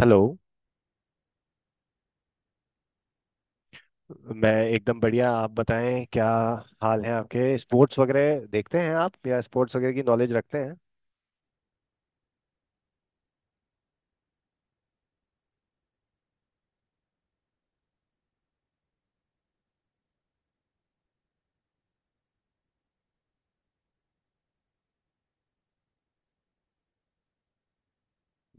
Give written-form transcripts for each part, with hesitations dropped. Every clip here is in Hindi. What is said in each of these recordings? हेलो। मैं एकदम बढ़िया। आप बताएं क्या हाल है आपके। स्पोर्ट्स वगैरह देखते हैं आप, या स्पोर्ट्स वगैरह की नॉलेज रखते हैं?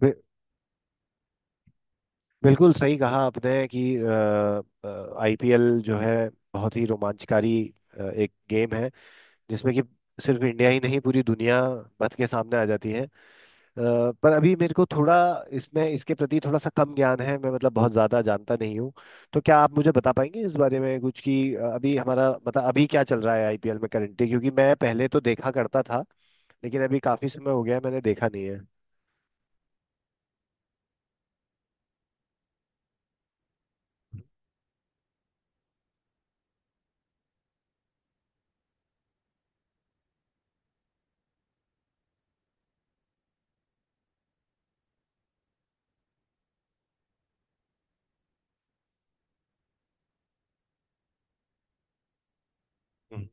बि- बिल्कुल सही कहा आपने कि आईपीएल जो है बहुत ही रोमांचकारी एक गेम है, जिसमें कि सिर्फ इंडिया ही नहीं पूरी दुनिया बत के सामने आ जाती है। अ, पर अभी मेरे को थोड़ा इसमें इसके प्रति थोड़ा सा कम ज्ञान है। मैं मतलब बहुत ज़्यादा जानता नहीं हूँ। तो क्या आप मुझे बता पाएंगे इस बारे में कुछ, कि अभी हमारा मतलब अभी क्या चल रहा है आईपीएल में करंटली, क्योंकि मैं पहले तो देखा करता था, लेकिन अभी काफ़ी समय हो गया है मैंने देखा नहीं है। हम्म।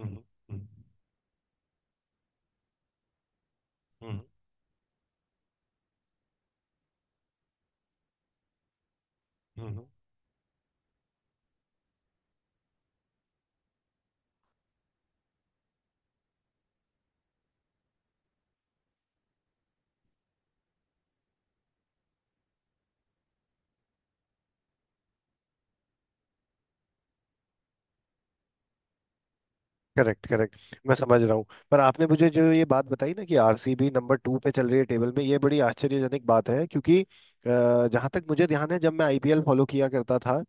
हम्म। हम्म। हम्म। हम्म। Correct correct. मैं समझ रहा हूँ। पर आपने मुझे जो ये बात बताई ना, कि आरसीबी नंबर टू पे चल रही है टेबल में, ये बड़ी आश्चर्यजनक बात है। क्योंकि जहाँ तक मुझे ध्यान है, जब मैं आईपीएल फॉलो किया करता था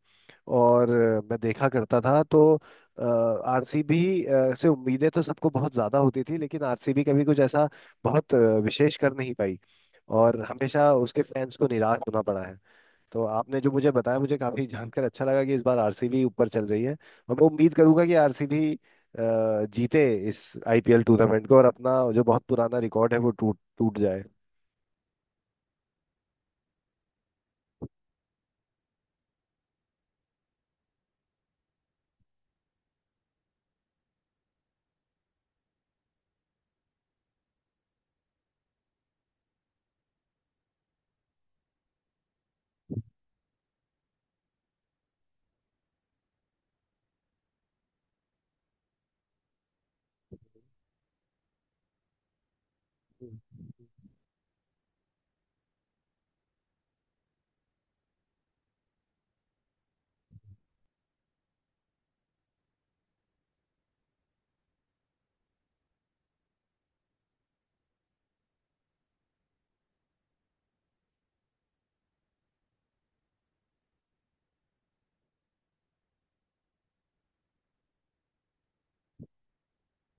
और मैं देखा करता था, तो आरसीबी से उम्मीदें तो सबको बहुत ज़्यादा होती थी, लेकिन आरसीबी कभी कुछ ऐसा बहुत विशेष कर नहीं पाई, और हमेशा उसके फैंस को निराश होना पड़ा है। तो आपने जो मुझे बताया मुझे काफी जानकर अच्छा लगा, कि इस बार आरसीबी ऊपर चल रही है, और मैं उम्मीद करूंगा कि आरसीबी जीते इस आईपीएल टूर्नामेंट को, और अपना जो बहुत पुराना रिकॉर्ड है वो टूट टूट जाए।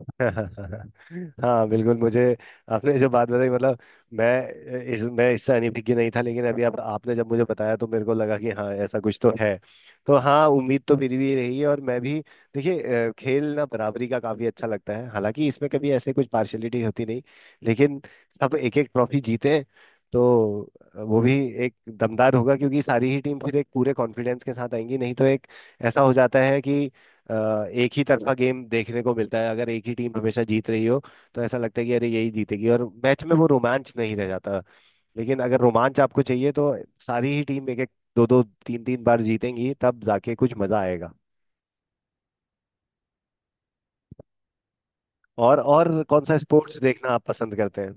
हाँ बिल्कुल। मुझे आपने जो बात बताई मतलब मैं इससे अनभिज्ञ नहीं था, लेकिन अभी आप आपने जब मुझे बताया तो मेरे को लगा कि हाँ ऐसा कुछ तो है। तो हाँ, उम्मीद तो मेरी भी रही है, और मैं भी देखिए खेल ना बराबरी का काफी अच्छा लगता है। हालांकि इसमें कभी ऐसे कुछ पार्शलिटी होती नहीं, लेकिन सब एक एक ट्रॉफी जीते तो वो भी एक दमदार होगा। क्योंकि सारी ही टीम फिर एक पूरे कॉन्फिडेंस के साथ आएंगी, नहीं तो एक ऐसा हो जाता है कि अ, एक ही तरफा गेम देखने को मिलता है, अगर एक ही टीम हमेशा जीत रही हो। तो ऐसा लगता है कि अरे यही जीतेगी, और मैच में वो रोमांच नहीं रह जाता। लेकिन अगर रोमांच आपको चाहिए, तो सारी ही टीम एक एक दो दो तीन तीन बार जीतेंगी, तब जाके कुछ मजा आएगा। और कौन सा स्पोर्ट्स देखना आप पसंद करते हैं?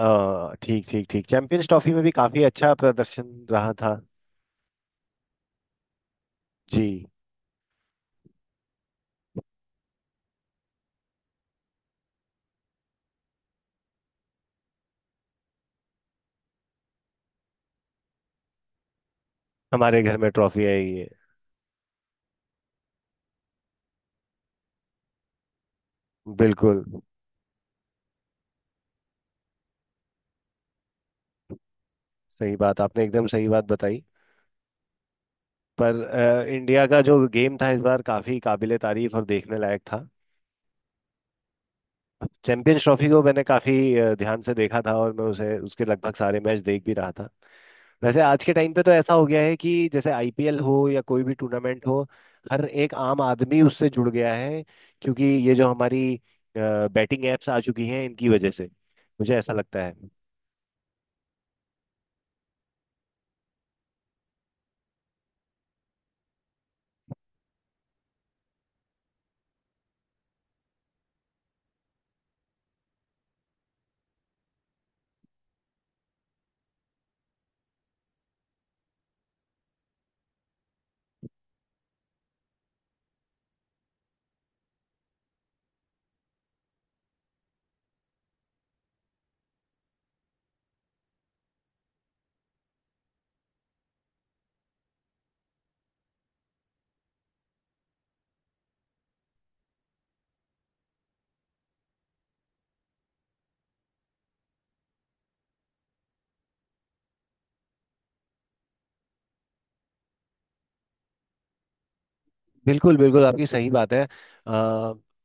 ठीक ठीक ठीक। चैंपियंस ट्रॉफी में भी काफी अच्छा प्रदर्शन रहा था। जी। हमारे घर में ट्रॉफी आई है। बिल्कुल। सही बात आपने एकदम सही बात बताई। पर इंडिया का जो गेम था इस बार काफ़ी काबिले तारीफ और देखने लायक था। चैंपियंस ट्रॉफी को मैंने काफ़ी ध्यान से देखा था, और मैं उसे उसके लगभग सारे मैच देख भी रहा था। वैसे आज के टाइम पे तो ऐसा हो गया है कि जैसे आईपीएल हो या कोई भी टूर्नामेंट हो, हर एक आम आदमी उससे जुड़ गया है। क्योंकि ये जो हमारी बैटिंग एप्स आ चुकी हैं इनकी वजह से, मुझे ऐसा लगता है। बिल्कुल बिल्कुल, आपकी सही बात है। अ,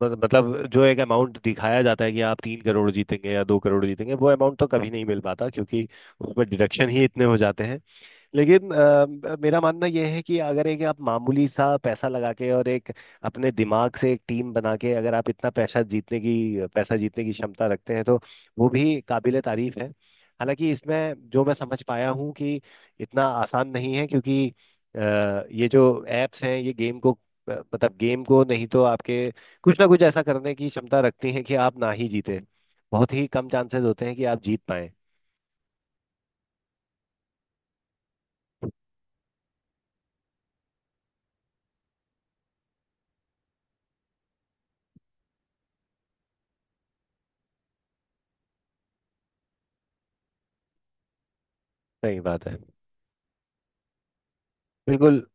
मतलब जो एक अमाउंट दिखाया जाता है कि आप 3 करोड़ जीतेंगे या 2 करोड़ जीतेंगे, वो अमाउंट तो कभी नहीं मिल पाता, क्योंकि उस पर डिडक्शन ही इतने हो जाते हैं। लेकिन मेरा मानना यह है कि अगर एक आप मामूली सा पैसा लगा के और एक अपने दिमाग से एक टीम बना के अगर आप इतना पैसा जीतने की क्षमता रखते हैं, तो वो भी काबिले तारीफ है। हालांकि इसमें जो मैं समझ पाया हूँ कि इतना आसान नहीं है, क्योंकि अ, ये जो एप्स हैं ये गेम को मतलब गेम को नहीं तो आपके कुछ ना कुछ ऐसा करने की क्षमता रखती हैं कि आप ना ही जीते। बहुत ही कम चांसेस होते हैं कि आप जीत पाए। सही बात है। बिल्कुल।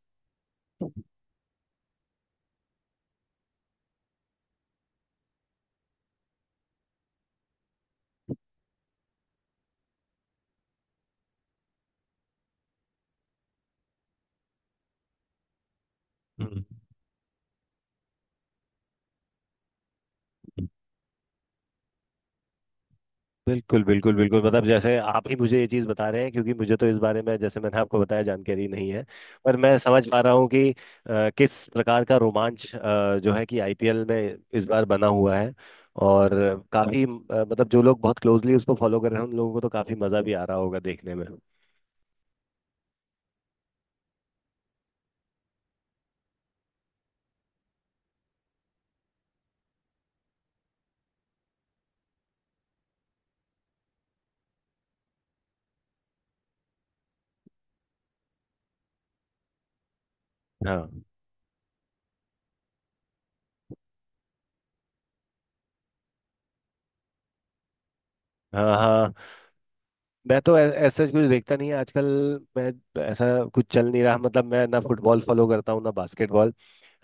हम्म। बिल्कुल बिल्कुल बिल्कुल, मतलब जैसे आप ही मुझे ये चीज़ बता रहे हैं, क्योंकि मुझे तो इस बारे में जैसे मैंने आपको बताया जानकारी नहीं है। पर मैं समझ पा रहा हूँ कि किस प्रकार का रोमांच जो है कि आईपीएल में इस बार बना हुआ है। और काफ़ी मतलब जो लोग बहुत क्लोजली उसको फॉलो कर रहे हैं उन लोगों को तो काफ़ी मज़ा भी आ रहा होगा देखने में। हाँ हाँ हाँ। मैं तो ऐसा कुछ देखता नहीं है आजकल। मैं ऐसा कुछ चल नहीं रहा, मतलब मैं ना फुटबॉल फॉलो करता हूँ ना बास्केटबॉल।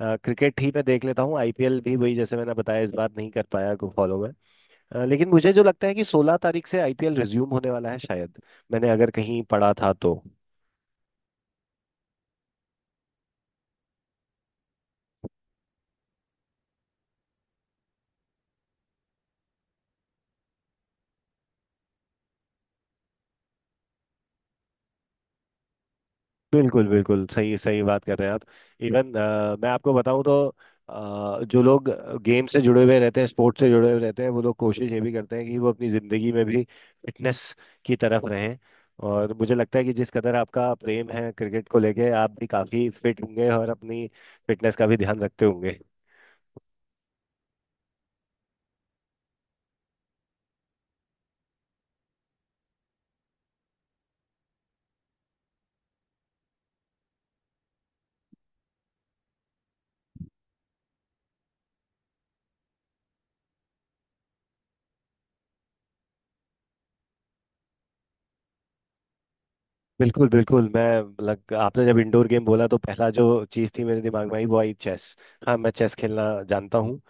क्रिकेट ही मैं देख लेता हूँ, आईपीएल भी वही जैसे मैंने बताया इस बार नहीं कर पाया को फॉलो में। लेकिन मुझे जो लगता है कि 16 तारीख से आईपीएल रिज्यूम होने वाला है शायद, मैंने अगर कहीं पढ़ा था तो। बिल्कुल बिल्कुल, सही सही बात कर रहे हैं आप। इवन मैं आपको बताऊं तो जो लोग गेम से जुड़े हुए रहते हैं, स्पोर्ट्स से जुड़े हुए रहते हैं, वो लोग कोशिश ये भी करते हैं कि वो अपनी ज़िंदगी में भी फिटनेस की तरफ रहें। और मुझे लगता है कि जिस कदर आपका प्रेम है क्रिकेट को लेके, आप भी काफ़ी फिट होंगे और अपनी फिटनेस का भी ध्यान रखते होंगे। बिल्कुल बिल्कुल, मैं लग आपने जब इंडोर गेम बोला तो पहला जो चीज़ थी मेरे दिमाग में आई वो आई चेस। हाँ मैं चेस खेलना जानता हूँ,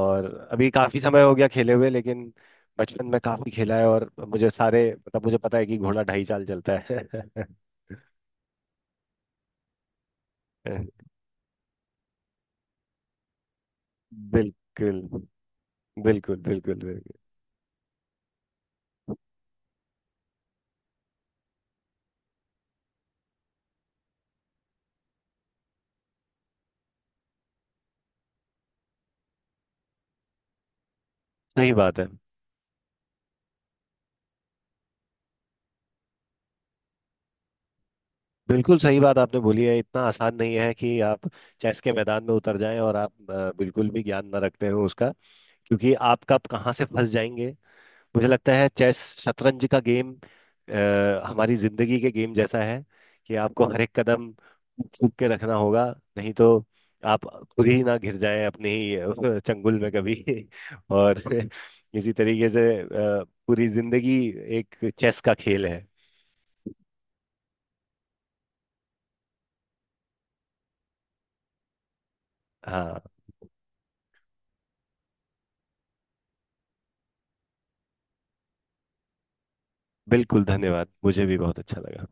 और अभी काफी समय हो गया खेले हुए, लेकिन बचपन में काफी खेला है। और मुझे सारे मतलब मुझे पता है कि घोड़ा ढाई चाल चलता है। बिल्कुल बिल्कुल बिल्कुल बिल्कुल। सही बात है। बिल्कुल सही बात आपने बोली है। इतना आसान नहीं है कि आप चेस के मैदान में उतर जाएं और आप बिल्कुल भी ज्ञान न रखते हो उसका। क्योंकि आप कब कहाँ से फंस जाएंगे। मुझे लगता है चेस शतरंज का गेम हमारी जिंदगी के गेम जैसा है, कि आपको हर एक कदम फूक के रखना होगा, नहीं तो आप खुद ही ना घिर जाएं अपनी ही चंगुल में कभी। और इसी तरीके से पूरी जिंदगी एक चेस का खेल है। हाँ बिल्कुल धन्यवाद, मुझे भी बहुत अच्छा लगा।